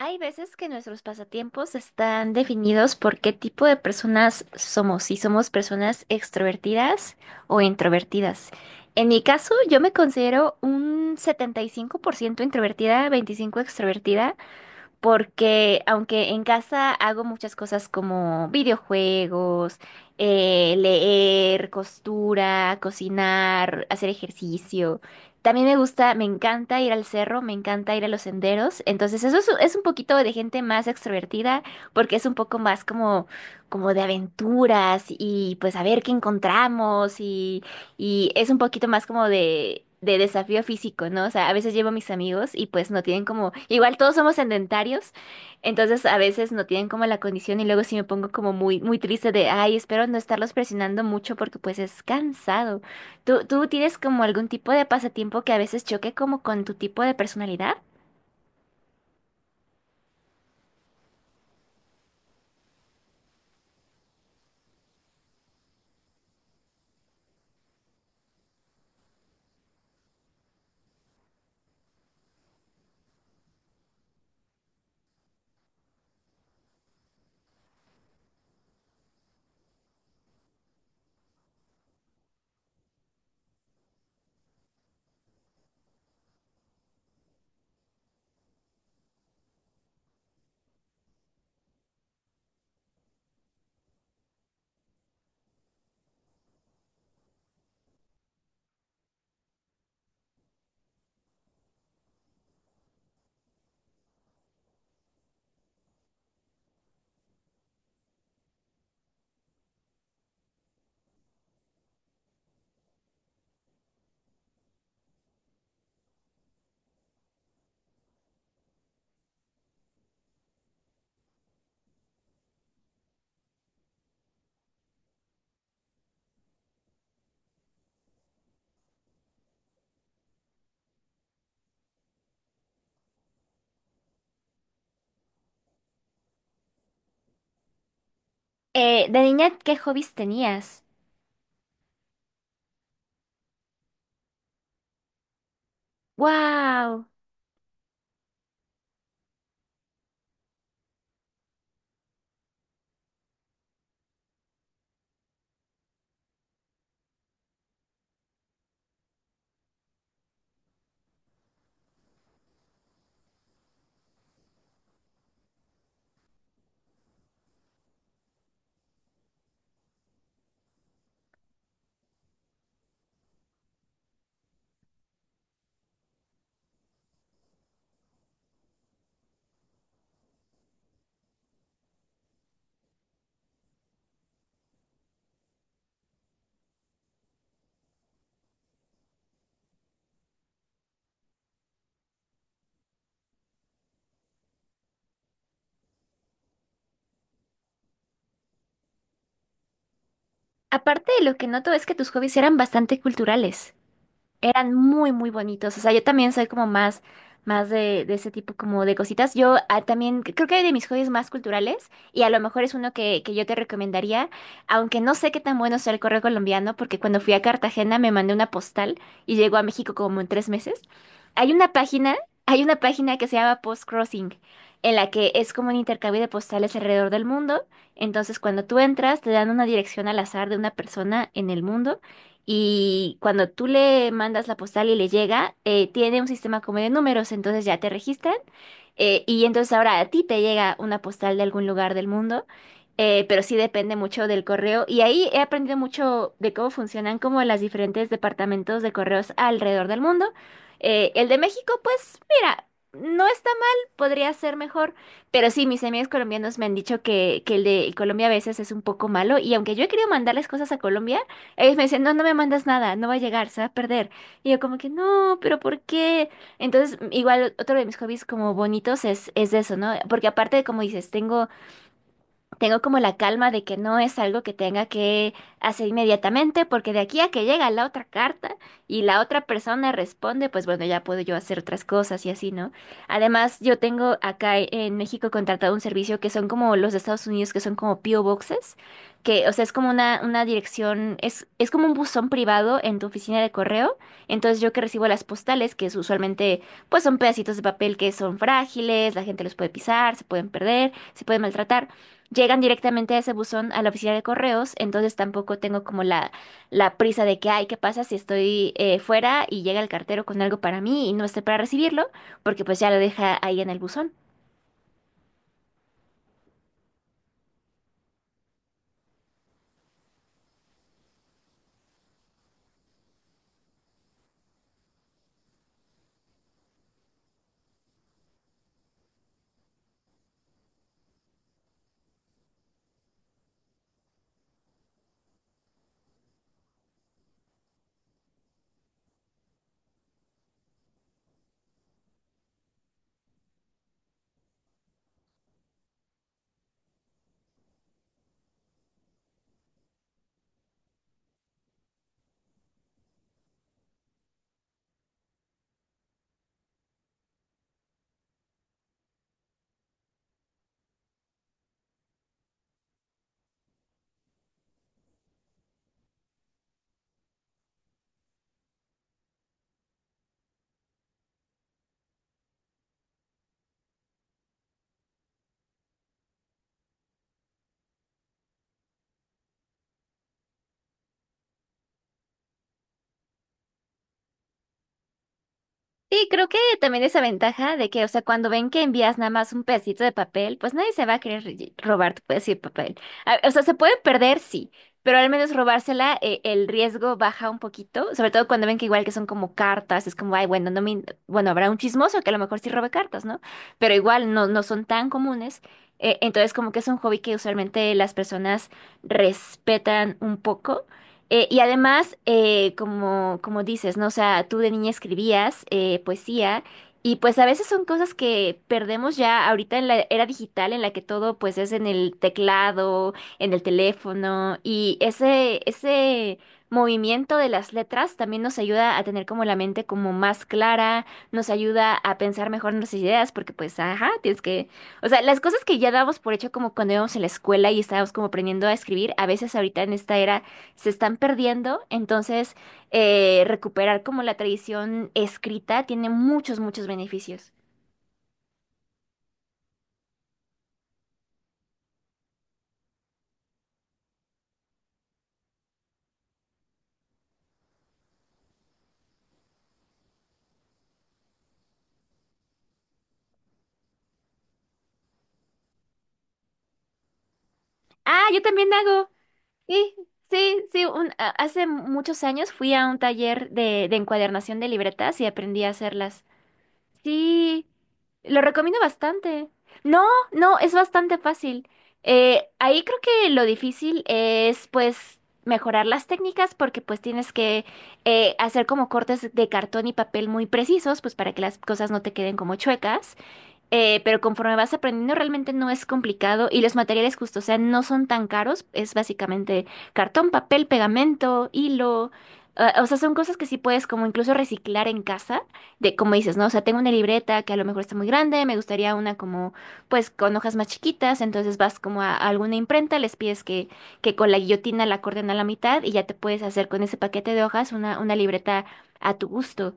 Hay veces que nuestros pasatiempos están definidos por qué tipo de personas somos, si somos personas extrovertidas o introvertidas. En mi caso, yo me considero un 75% introvertida, 25 extrovertida, porque aunque en casa hago muchas cosas como videojuegos, leer, costura, cocinar, hacer ejercicio, también me gusta, me encanta ir al cerro, me encanta ir a los senderos, entonces eso es un poquito de gente más extrovertida porque es un poco más como, como de aventuras y pues a ver qué encontramos y es un poquito más como de desafío físico, ¿no? O sea, a veces llevo a mis amigos y pues no tienen como, igual todos somos sedentarios, entonces a veces no tienen como la condición y luego sí me pongo como muy, muy triste de, ay, espero no estarlos presionando mucho porque pues es cansado. ¿Tú tienes como algún tipo de pasatiempo que a veces choque como con tu tipo de personalidad? De niña, ¿qué hobbies tenías? ¡Wow! Aparte de lo que noto es que tus hobbies eran bastante culturales. Eran muy, muy bonitos. O sea, yo también soy como más, más de ese tipo como de cositas. Yo ah, también creo que hay de mis hobbies más culturales, y a lo mejor es uno que yo te recomendaría, aunque no sé qué tan bueno sea el correo colombiano, porque cuando fui a Cartagena me mandé una postal y llegó a México como en 3 meses. Hay una página, hay una página que se llama Post Crossing, en la que es como un intercambio de postales alrededor del mundo. Entonces, cuando tú entras, te dan una dirección al azar de una persona en el mundo. Y cuando tú le mandas la postal y le llega, tiene un sistema como de números, entonces ya te registran. Y entonces ahora a ti te llega una postal de algún lugar del mundo, pero sí depende mucho del correo. Y ahí he aprendido mucho de cómo funcionan como los diferentes departamentos de correos alrededor del mundo. El de México, pues mira, no está mal, podría ser mejor. Pero sí, mis amigos colombianos me han dicho que el de Colombia a veces es un poco malo y aunque yo he querido mandarles cosas a Colombia, ellos me decían, no, no me mandas nada, no va a llegar, se va a perder. Y yo como que, no, pero ¿por qué? Entonces, igual otro de mis hobbies como bonitos es eso, ¿no? Porque aparte, como dices, tengo como la calma de que no es algo que tenga que hacer inmediatamente, porque de aquí a que llega la otra carta y la otra persona responde, pues bueno, ya puedo yo hacer otras cosas y así, ¿no? Además, yo tengo acá en México contratado un servicio que son como los de Estados Unidos, que son como PO Boxes, que, o sea, es como una dirección, es como un buzón privado en tu oficina de correo. Entonces, yo que recibo las postales, que es usualmente, pues son pedacitos de papel que son frágiles, la gente los puede pisar, se pueden perder, se pueden maltratar llegan directamente a ese buzón a la oficina de correos, entonces tampoco tengo como la prisa de que, ay, ¿qué pasa si estoy fuera y llega el cartero con algo para mí y no esté para recibirlo? Porque pues ya lo deja ahí en el buzón. Sí, creo que también esa ventaja de que, o sea, cuando ven que envías nada más un pedacito de papel, pues nadie se va a querer lle- robar tu pedacito de papel. A- O sea, se puede perder, sí, pero al menos robársela, el riesgo baja un poquito, sobre todo cuando ven que igual que son como cartas, es como, ay, bueno, no me, in- bueno, habrá un chismoso que a lo mejor sí robe cartas, ¿no? Pero igual no, no son tan comunes. Entonces, como que es un hobby que usualmente las personas respetan un poco. Y además, como, como dices, ¿no? O sea, tú de niña escribías poesía y pues a veces son cosas que perdemos ya ahorita en la era digital en la que todo pues es en el teclado, en el teléfono y ese movimiento de las letras también nos ayuda a tener como la mente como más clara, nos ayuda a pensar mejor nuestras ideas porque pues, ajá, tienes que... O sea, las cosas que ya dábamos por hecho como cuando íbamos a la escuela y estábamos como aprendiendo a escribir, a veces ahorita en esta era se están perdiendo, entonces recuperar como la tradición escrita tiene muchos, muchos beneficios. Ah, yo también hago. Sí, sí. un- a- hace muchos años fui a un taller de encuadernación de libretas y aprendí a hacerlas. Sí, lo recomiendo bastante. No, no, es bastante fácil. Ahí creo que lo difícil es pues mejorar las técnicas porque pues tienes que hacer como cortes de cartón y papel muy precisos pues para que las cosas no te queden como chuecas. Pero conforme vas aprendiendo, realmente no es complicado y los materiales justo, o sea, no son tan caros. Es básicamente cartón, papel, pegamento, hilo. O sea, son cosas que sí puedes como incluso reciclar en casa, de como dices, ¿no? O sea, tengo una libreta que a lo mejor está muy grande, me gustaría una como, pues, con hojas más chiquitas, entonces vas como a alguna imprenta, les pides que con la guillotina la corten a la mitad y ya te puedes hacer con ese paquete de hojas una libreta a tu gusto.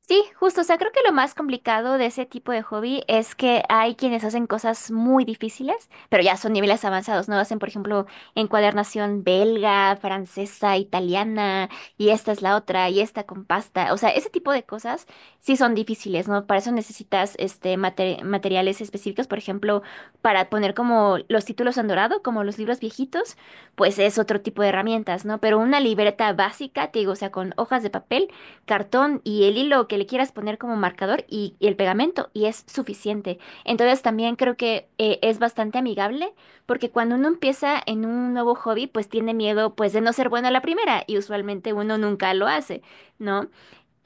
Sí, justo, o sea, creo que lo más complicado de ese tipo de hobby es que hay quienes hacen cosas muy difíciles, pero ya son niveles avanzados, ¿no? Hacen, por ejemplo, encuadernación belga, francesa, italiana, y esta es la otra, y esta con pasta. O sea, ese tipo de cosas sí son difíciles, ¿no? Para eso necesitas este mate- materiales específicos, por ejemplo, para poner como los títulos en dorado, como los libros viejitos, pues es otro tipo de herramientas, ¿no? Pero una libreta básica, te digo, o sea, con hojas de papel cartón y el hilo que le quieras poner como marcador y el pegamento y es suficiente. Entonces también creo que es bastante amigable porque cuando uno empieza en un nuevo hobby pues tiene miedo pues de no ser bueno a la primera y usualmente uno nunca lo hace, ¿no?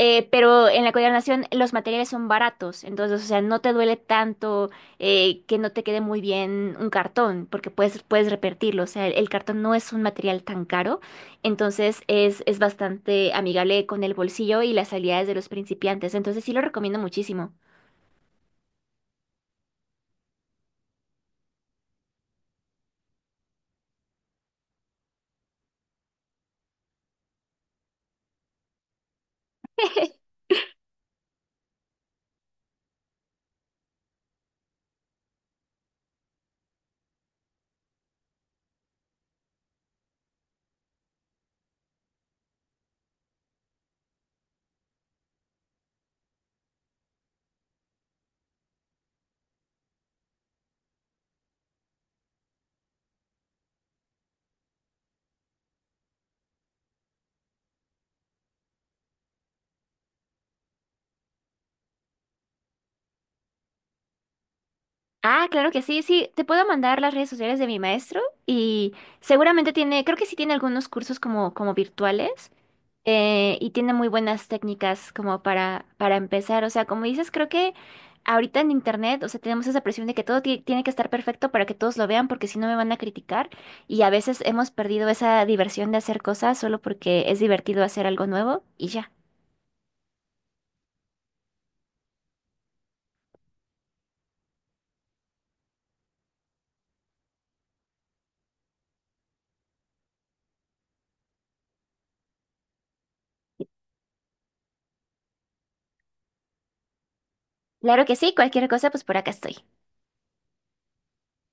Pero en la coordinación los materiales son baratos, entonces, o sea, no te duele tanto que no te quede muy bien un cartón, porque puedes, puedes repetirlo, o sea, el cartón no es un material tan caro, entonces es bastante amigable con el bolsillo y las habilidades de los principiantes, entonces sí lo recomiendo muchísimo. Ah, claro que sí, sí, te puedo mandar las redes sociales de mi maestro y seguramente tiene, creo que sí tiene algunos cursos como, como virtuales. Y tiene muy buenas técnicas como para empezar. O sea, como dices, creo que ahorita en internet, o sea, tenemos esa presión de que todo ti- tiene que estar perfecto para que todos lo vean, porque si no me van a criticar. Y a veces hemos perdido esa diversión de hacer cosas solo porque es divertido hacer algo nuevo y ya. Claro que sí, cualquier cosa, pues por acá estoy.